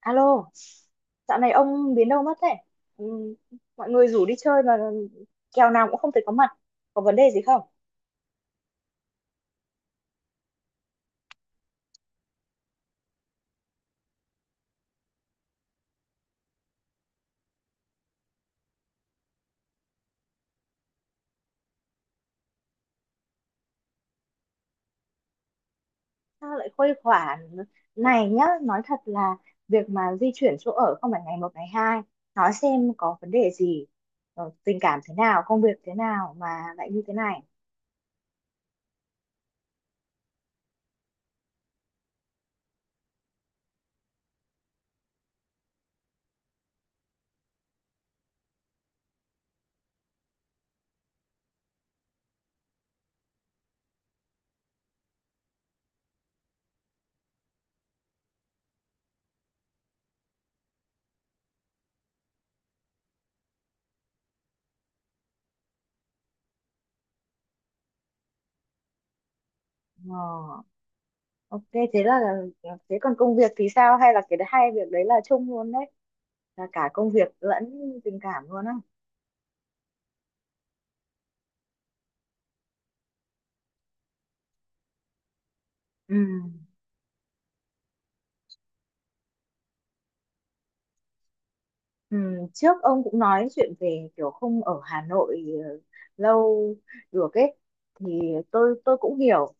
Alo, dạo này ông biến đâu mất thế? Ừ, mọi người rủ đi chơi mà kèo nào cũng không thể có mặt. Có vấn đề gì không? Sao lại khuây khỏa này nhá? Nói thật là việc mà di chuyển chỗ ở không phải ngày một ngày hai. Nói xem có vấn đề gì, tình cảm thế nào, công việc thế nào mà lại như thế này. Ờ, ok, thế là thế còn công việc thì sao? Hay là cái hai việc đấy là chung luôn đấy? Là cả công việc lẫn tình cảm luôn á? Ừ. Ừ, trước ông cũng nói chuyện về kiểu không ở Hà Nội, lâu được ấy, thì tôi cũng hiểu.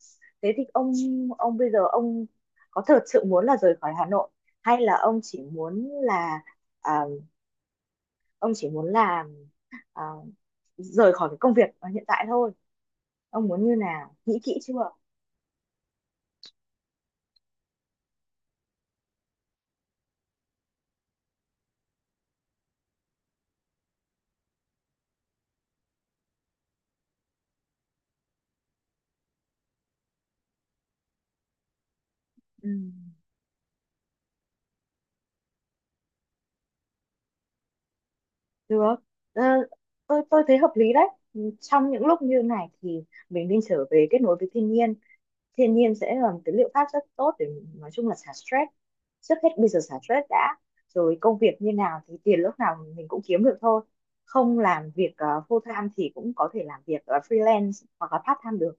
Thế thì ông bây giờ ông có thật sự muốn là rời khỏi Hà Nội hay là à, ông chỉ muốn là, à, rời khỏi cái công việc ở hiện tại thôi? Ông muốn như nào, nghĩ kỹ chưa? Ừ. Được. Ờ, tôi thấy hợp lý đấy. Trong những lúc như này thì mình nên trở về kết nối với thiên nhiên. Thiên nhiên sẽ là một cái liệu pháp rất tốt để nói chung là xả stress. Trước hết bây giờ xả stress đã, rồi công việc như nào thì tiền lúc nào mình cũng kiếm được thôi. Không làm việc full time thì cũng có thể làm việc freelance hoặc là part time được.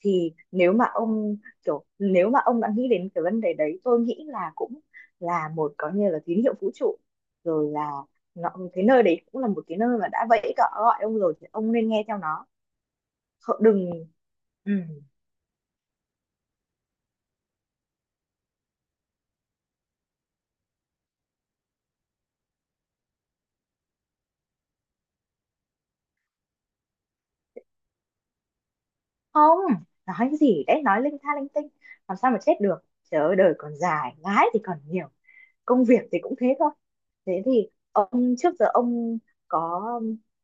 Thì nếu mà ông, đã nghĩ đến cái vấn đề đấy, tôi nghĩ là cũng là một, có như là tín hiệu vũ trụ rồi. Là cái nơi đấy cũng là một cái nơi mà đã vẫy cỏ gọi ông rồi, thì ông nên nghe theo nó. Không- đừng ừ. không nói gì đấy, nói linh tha linh tinh. Làm sao mà chết được, trời ơi, đời còn dài ngái thì còn nhiều. Công việc thì cũng thế thôi. Thế thì ông, trước giờ ông có,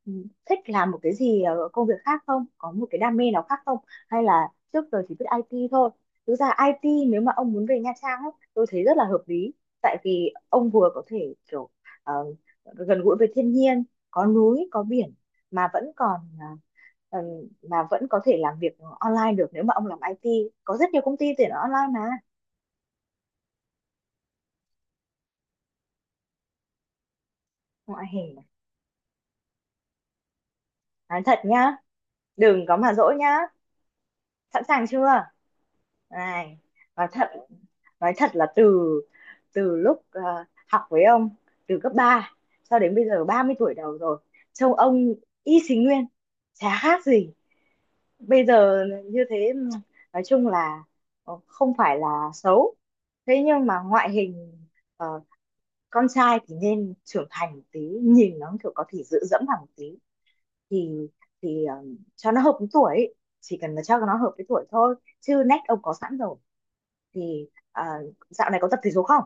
ừm, thích làm một cái gì, công việc khác không, có một cái đam mê nào khác không, hay là trước giờ chỉ biết IT thôi? Thực ra IT, nếu mà ông muốn về Nha Trang ấy, tôi thấy rất là hợp lý. Tại vì ông vừa có thể kiểu, ờ, gần gũi với thiên nhiên, có núi có biển, mà vẫn còn, ờ, mà vẫn có thể làm việc online được nếu mà ông làm IT, có rất nhiều công ty tuyển online mà. Ngoại hình, nói thật nhá, đừng có mà dỗi nhá. Sẵn sàng chưa? Này, nói thật nói thật là từ từ lúc, học với ông từ cấp 3, cho đến bây giờ 30 tuổi đầu rồi, trông ông y xì nguyên, chả khác gì bây giờ. Như thế nói chung là, không phải là xấu, thế nhưng mà ngoại hình, ờ, con trai thì nên trưởng thành một tí, nhìn nó kiểu có thể dựa dẫm vào một tí, thì thì cho nó hợp với tuổi ấy. Chỉ cần là cho nó hợp với tuổi thôi, chứ nét ông có sẵn rồi, thì dạo này có tập thể dục không?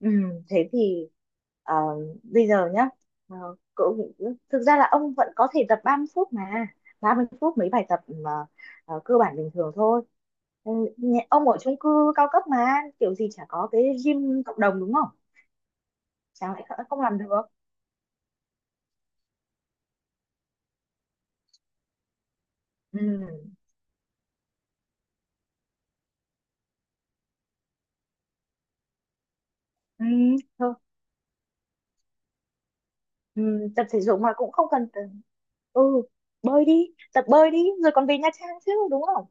ừ, Thế thì, à, bây giờ nhá, ờ, cậu, thực ra là ông vẫn có thể tập 30 phút mấy bài tập mà, cơ bản bình thường thôi. Ừ, ông ở chung cư cao cấp mà, kiểu gì chả có cái gym cộng đồng đúng không? Chẳng lẽ không làm được? Ừ. Ừ. Thôi. Ừ. Tập thể dục mà cũng không cần, ừ bơi đi tập bơi đi rồi còn về Nha Trang chứ đúng không?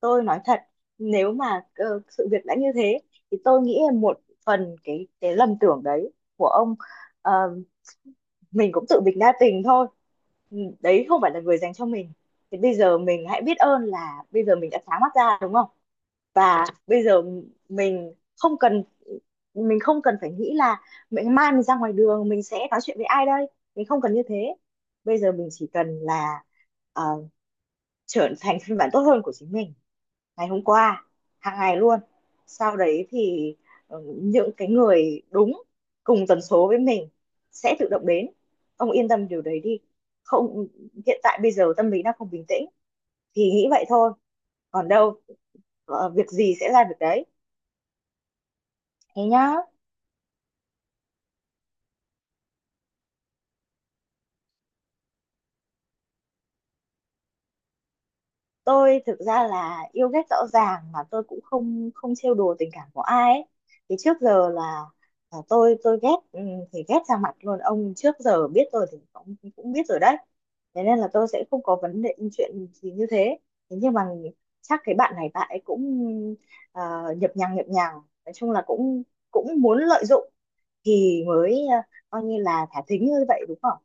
Tôi nói thật, nếu mà sự việc đã như thế, thì tôi nghĩ là một phần cái lầm tưởng đấy của ông, ờ, mình cũng tự mình đa tình thôi. Ừ, đấy không phải là người dành cho mình, thì bây giờ mình hãy biết ơn là bây giờ mình đã sáng mắt ra đúng không, và bây giờ mình không cần mình không cần phải nghĩ là mai mình ra ngoài đường mình sẽ nói chuyện với ai đây. Mình không cần như thế, bây giờ mình chỉ cần là, ờ, trở thành phiên bản tốt hơn của chính mình ngày hôm qua, hàng ngày luôn. Sau đấy thì, những cái người đúng cùng tần số với mình sẽ tự động đến. Ông yên tâm điều đấy đi. Không, hiện tại bây giờ tâm lý đang không bình tĩnh thì nghĩ vậy thôi, còn đâu, việc gì sẽ ra việc đấy. Thế nhá. Tôi thực ra là yêu ghét rõ ràng, mà tôi cũng không không trêu đùa tình cảm của ai ấy. Thì trước giờ là tôi ghét, thì ghét ra mặt luôn. Ông trước giờ biết tôi thì cũng cũng biết rồi đấy. Thế nên là tôi sẽ không có vấn đề chuyện gì như thế. Thế nhưng mà chắc cái bạn này bạn ấy cũng, ờ, nhập nhằng, nói chung là cũng cũng muốn lợi dụng, thì mới coi như là thả thính như vậy đúng không?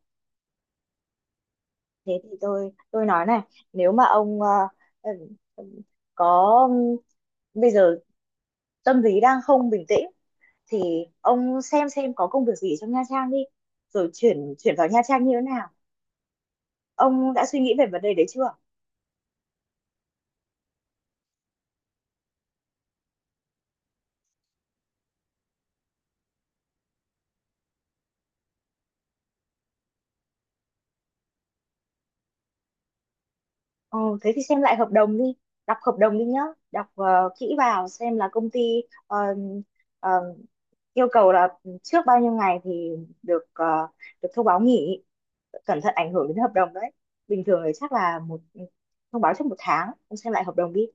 Thế thì tôi nói này, nếu mà ông, ừm, ừm, có, bây giờ tâm lý đang không bình tĩnh, thì ông xem có công việc gì trong Nha Trang đi, rồi chuyển chuyển vào Nha Trang như thế nào. Ông đã suy nghĩ về vấn đề đấy chưa? Ờ, Thế thì xem lại hợp đồng đi, đọc hợp đồng đi nhá. Đọc kỹ vào xem là công ty, ờ, ờ, yêu cầu là trước bao nhiêu ngày thì được ờ, được thông báo nghỉ, cẩn thận ảnh hưởng đến hợp đồng đấy. Bình thường thì chắc là một thông báo trong một tháng, ông xem lại hợp đồng đi.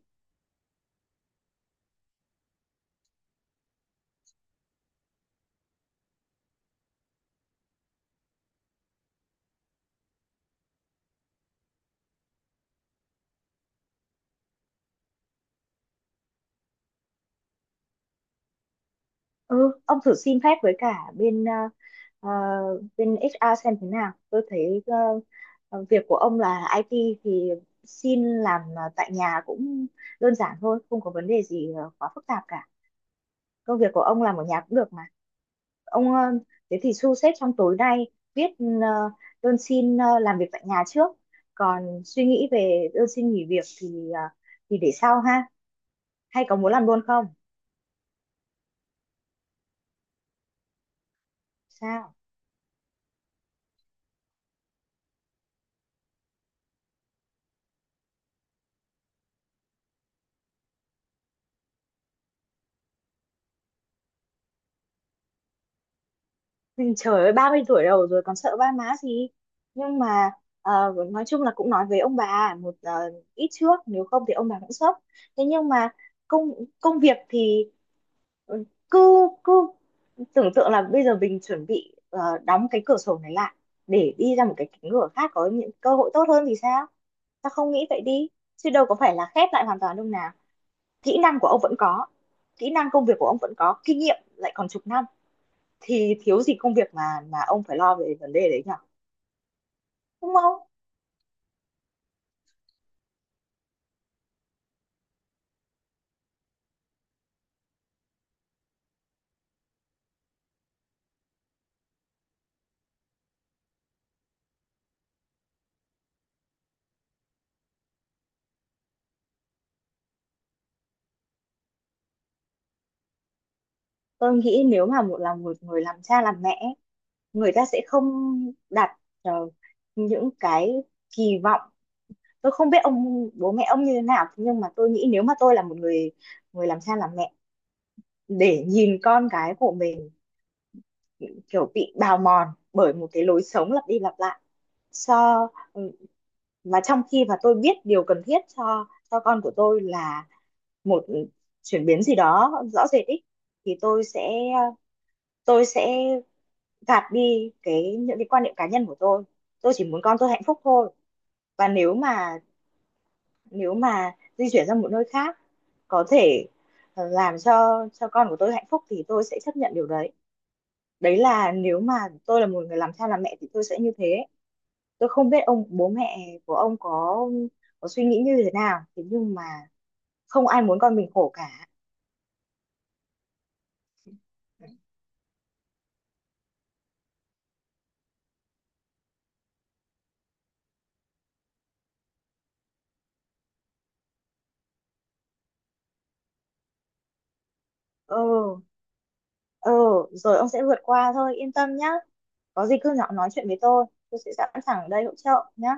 Ừ ông thử xin phép với cả bên, ờ, bên HR xem thế nào. Tôi thấy việc của ông là IT, thì xin làm tại nhà cũng đơn giản thôi, không có vấn đề gì quá phức tạp cả, công việc của ông làm ở nhà cũng được mà. Ông ờ, thế thì thu xếp trong tối nay viết ờ, đơn xin làm việc tại nhà trước, còn suy nghĩ về đơn xin nghỉ việc thì để sau ha, hay có muốn làm luôn không? Sao? Nhưng trời ơi 30 tuổi đầu rồi còn sợ ba má gì? Nhưng mà nói chung là cũng nói với ông bà một ít trước, nếu không thì ông bà cũng sốc. Thế nhưng mà công công việc thì, ừ, cứ cứ tưởng tượng là bây giờ mình chuẩn bị đóng cái cửa sổ này lại để đi ra một cái cánh cửa khác có những cơ hội tốt hơn thì sao. Sao không nghĩ vậy đi, chứ đâu có phải là khép lại hoàn toàn đâu nào. Kỹ năng của ông vẫn có, kỹ năng công việc của ông vẫn có kinh nghiệm lại còn chục năm, thì thiếu gì công việc mà ông phải lo về vấn đề đấy nhở, đúng không? Tôi nghĩ nếu mà một người làm cha làm mẹ, người ta sẽ không đặt, ờ, những cái kỳ vọng. Tôi không biết ông bố mẹ ông như thế nào, nhưng mà tôi nghĩ nếu mà tôi là một người người làm cha làm mẹ, để nhìn con cái của mình kiểu bị bào mòn bởi một cái lối sống lặp đi lặp lại, so ừ, mà trong khi mà tôi biết điều cần thiết cho con của tôi là một chuyển biến gì đó rõ rệt ý, thì tôi sẽ gạt đi những cái quan niệm cá nhân của tôi. Tôi chỉ muốn con tôi hạnh phúc thôi. Và nếu mà di chuyển sang một nơi khác có thể, làm cho con của tôi hạnh phúc, thì tôi sẽ chấp nhận điều đấy. Đấy là nếu mà tôi là một người làm cha làm mẹ thì tôi sẽ như thế. Tôi không biết ông bố mẹ của ông có suy nghĩ như thế nào, thế nhưng mà không ai muốn con mình khổ cả. Ừ. Ừ. Rồi ông sẽ vượt qua thôi, yên tâm nhá. Có gì cứ nhỏ nói chuyện với tôi sẽ sẵn sàng ở đây hỗ trợ nhá.